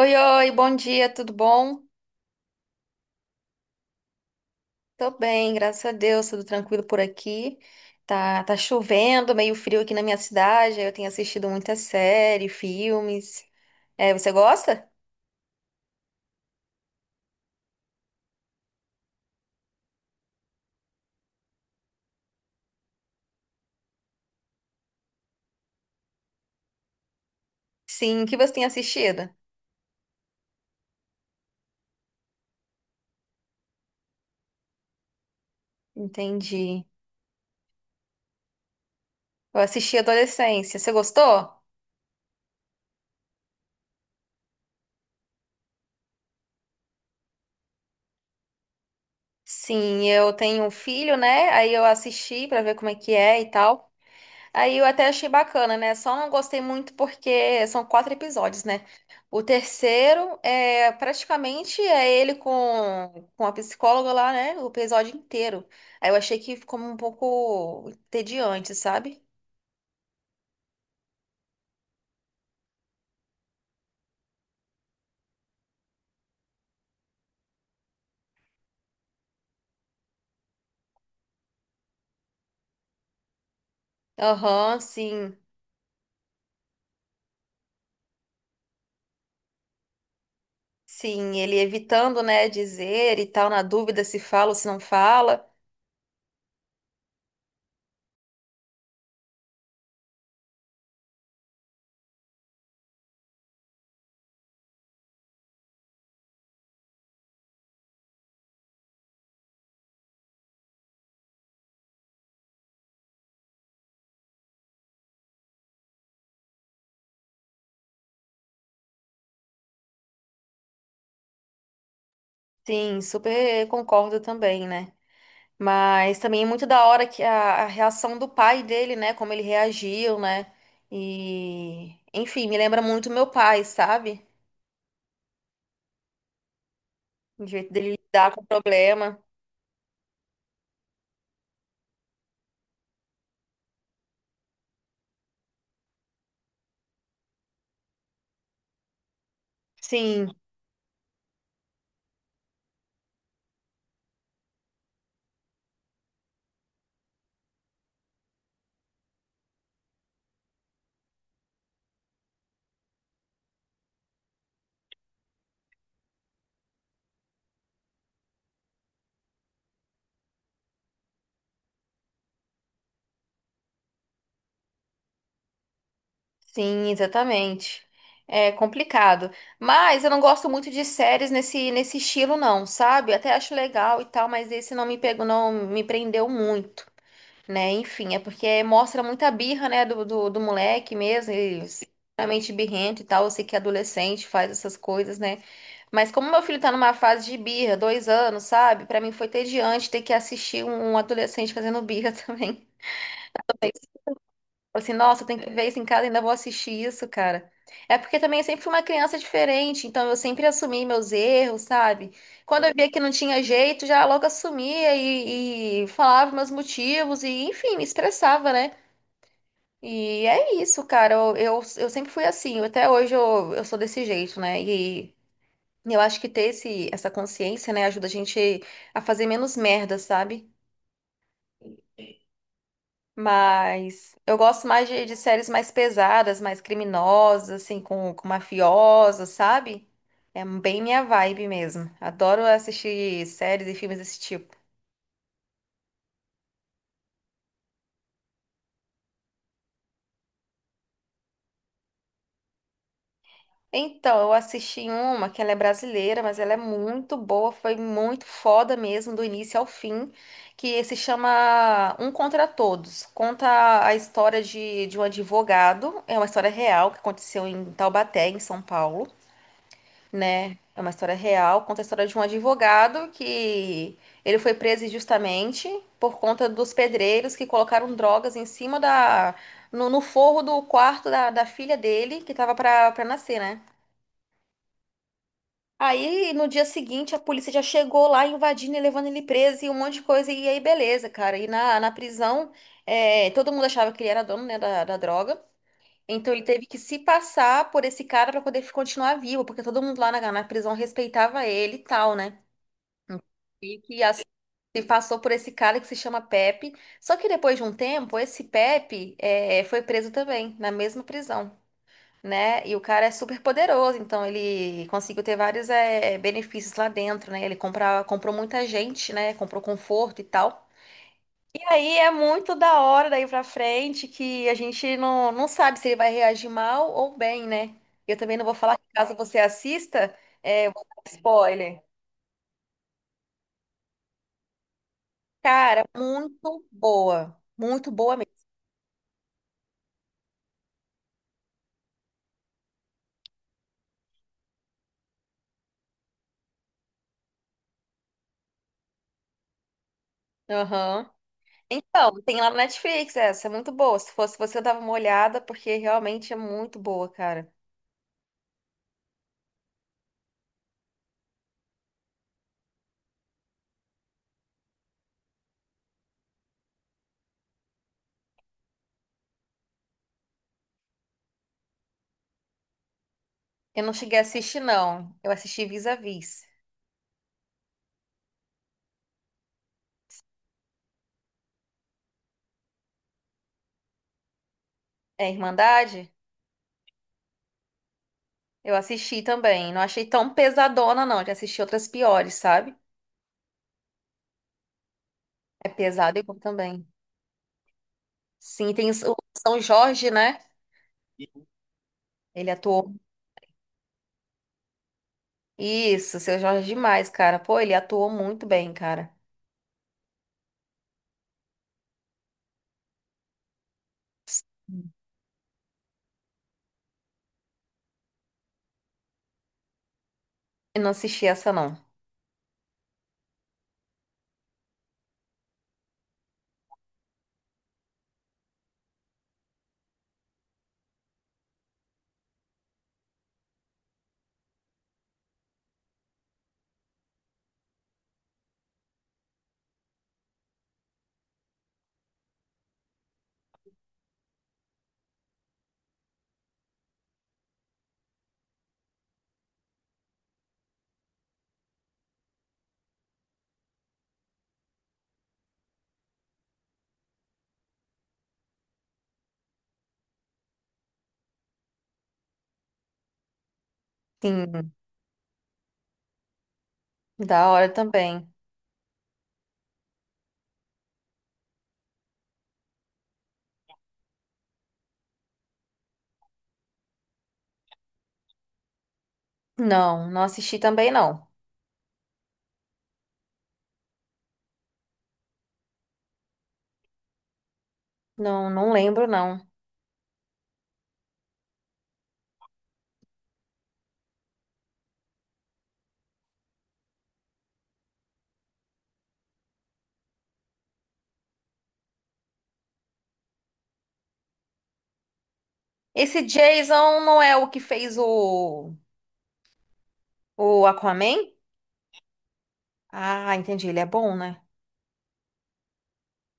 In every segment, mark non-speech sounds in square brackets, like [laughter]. Oi, oi, bom dia, tudo bom? Tô bem, graças a Deus, tudo tranquilo por aqui. Tá chovendo, meio frio aqui na minha cidade. Eu tenho assistido muita série, filmes. É, você gosta? Sim, o que você tem assistido? Entendi. Eu assisti Adolescência. Você gostou? Sim, eu tenho um filho, né? Aí eu assisti pra ver como é que é e tal. Aí eu até achei bacana, né? Só não gostei muito porque são quatro episódios, né? O terceiro é praticamente ele com a psicóloga lá, né? O episódio inteiro. Aí eu achei que ficou um pouco entediante, sabe? Aham, sim, sim. Ele evitando, né, dizer e tal, na dúvida se fala ou se não fala. Sim, super concordo também, né? Mas também é muito da hora que a reação do pai dele, né? Como ele reagiu, né? E, enfim, me lembra muito meu pai, sabe? O jeito dele lidar com o problema. Sim, sim, exatamente. É complicado. Mas eu não gosto muito de séries nesse estilo, não, sabe? Até acho legal e tal, mas esse não me pegou, não me prendeu muito, né? Enfim, é porque mostra muita birra, né, do moleque mesmo, ele extremamente birrento e tal. Eu sei que é adolescente faz essas coisas, né? Mas como meu filho tá numa fase de birra, dois anos, sabe? Pra mim foi tediante ter que assistir um adolescente fazendo birra [laughs] também. Falei assim, nossa, eu tenho que ver isso em casa, ainda vou assistir isso, cara. É porque também eu sempre fui uma criança diferente, então eu sempre assumi meus erros, sabe? Quando eu via que não tinha jeito, já logo assumia e falava meus motivos e, enfim, me expressava, né? E é isso, cara. Eu sempre fui assim. Até hoje eu sou desse jeito, né? E eu acho que ter essa consciência, né, ajuda a gente a fazer menos merda, sabe? Mas eu gosto mais de séries mais pesadas, mais criminosas, assim, com mafiosos, sabe? É bem minha vibe mesmo. Adoro assistir séries e filmes desse tipo. Então, eu assisti uma que ela é brasileira, mas ela é muito boa, foi muito foda mesmo, do início ao fim, que se chama Um Contra Todos. Conta a história de um advogado, é uma história real que aconteceu em Taubaté, em São Paulo, né? É uma história real, conta a história de um advogado que ele foi preso injustamente por conta dos pedreiros que colocaram drogas em cima no forro do quarto da filha dele, que tava pra nascer, né? Aí, no dia seguinte, a polícia já chegou lá invadindo e levando ele preso e um monte de coisa. E aí, beleza, cara. E na prisão, todo mundo achava que ele era dono, né, da droga. Então, ele teve que se passar por esse cara para poder continuar vivo, porque todo mundo lá na prisão respeitava ele e tal, né? E que assim, ele passou por esse cara que se chama Pepe. Só que depois de um tempo, esse Pepe, foi preso também, na mesma prisão, né? E o cara é super poderoso, então ele conseguiu ter vários benefícios lá dentro, né? Ele comprou muita gente, né? Comprou conforto e tal. E aí é muito da hora daí pra frente que a gente não sabe se ele vai reagir mal ou bem, né? Eu também não vou falar caso você assista, eu vou dar spoiler. Cara, muito boa. Muito boa mesmo. Aham. Então, tem lá no Netflix essa, é muito boa. Se fosse você, eu dava uma olhada, porque realmente é muito boa, cara. Eu não cheguei a assistir, não. Eu assisti Vis-a-Vis. É Irmandade? Eu assisti também. Não achei tão pesadona, não. Já assisti outras piores, sabe? É pesado igual também. Sim, tem o São Jorge, né? Ele atuou. Isso, Seu Jorge é demais, cara. Pô, ele atuou muito bem, cara. Eu não assisti essa, não. Sim, da hora também. Não, não assisti também, não. Não, não lembro, não. Esse Jason não é o que fez o Aquaman? Ah, entendi. Ele é bom, né?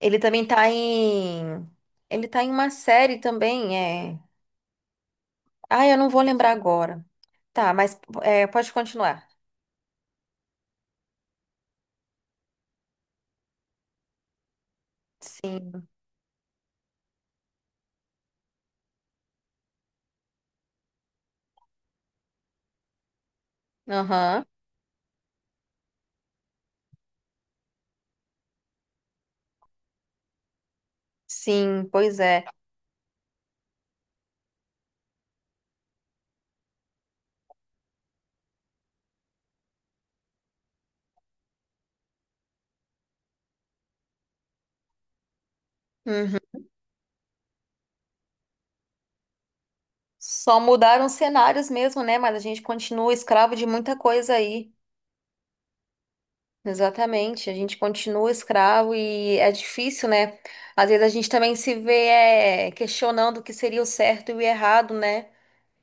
Ele também tá em. Ele tá em uma série também, é. Ah, eu não vou lembrar agora. Tá, mas pode continuar. Sim. Aham. Sim, pois é. Uhum. Só mudaram os cenários mesmo, né? Mas a gente continua escravo de muita coisa aí. Exatamente. A gente continua escravo e é difícil, né? Às vezes a gente também se vê questionando o que seria o certo e o errado, né?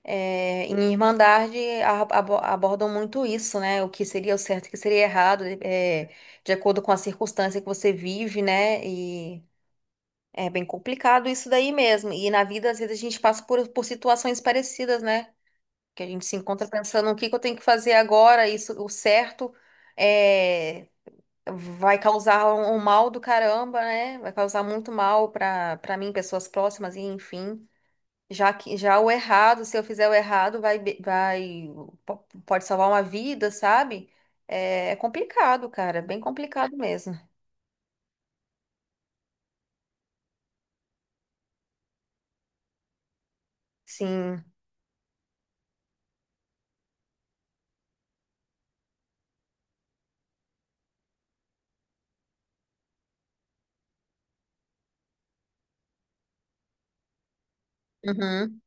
É, em Irmandade abordam muito isso, né? O que seria o certo, o que seria errado, de acordo com a circunstância que você vive, né? E é bem complicado isso daí mesmo. E na vida, às vezes, a gente passa por situações parecidas, né? Que a gente se encontra pensando o que que eu tenho que fazer agora, isso, o certo é, vai causar um mal do caramba, né? Vai causar muito mal para mim, pessoas próximas, e enfim. Já que já o errado, se eu fizer o errado, vai be- vai po- pode salvar uma vida, sabe? É complicado, cara, bem complicado mesmo. Sim. Uhum.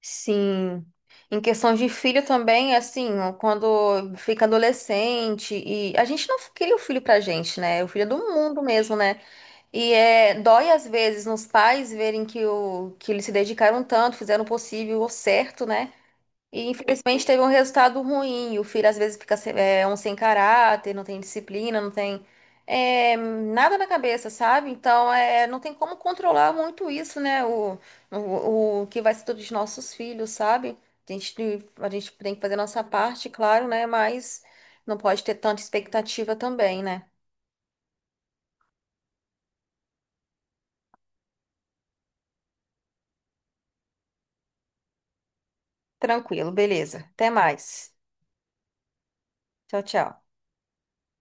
Sim. Em questão de filho também, assim, ó, quando fica adolescente e a gente não cria o filho pra gente, né? O filho é do mundo mesmo, né? E dói às vezes nos pais verem que eles se dedicaram tanto, fizeram o possível, o certo, né? E infelizmente teve um resultado ruim. E o filho às vezes fica um sem caráter, não tem disciplina, não tem nada na cabeça, sabe? Então não tem como controlar muito isso, né? O que vai ser dos nossos filhos, sabe? A gente, a gente tem que fazer a nossa parte, claro, né? Mas não pode ter tanta expectativa também, né? Tranquilo, beleza. Até mais. Tchau, tchau.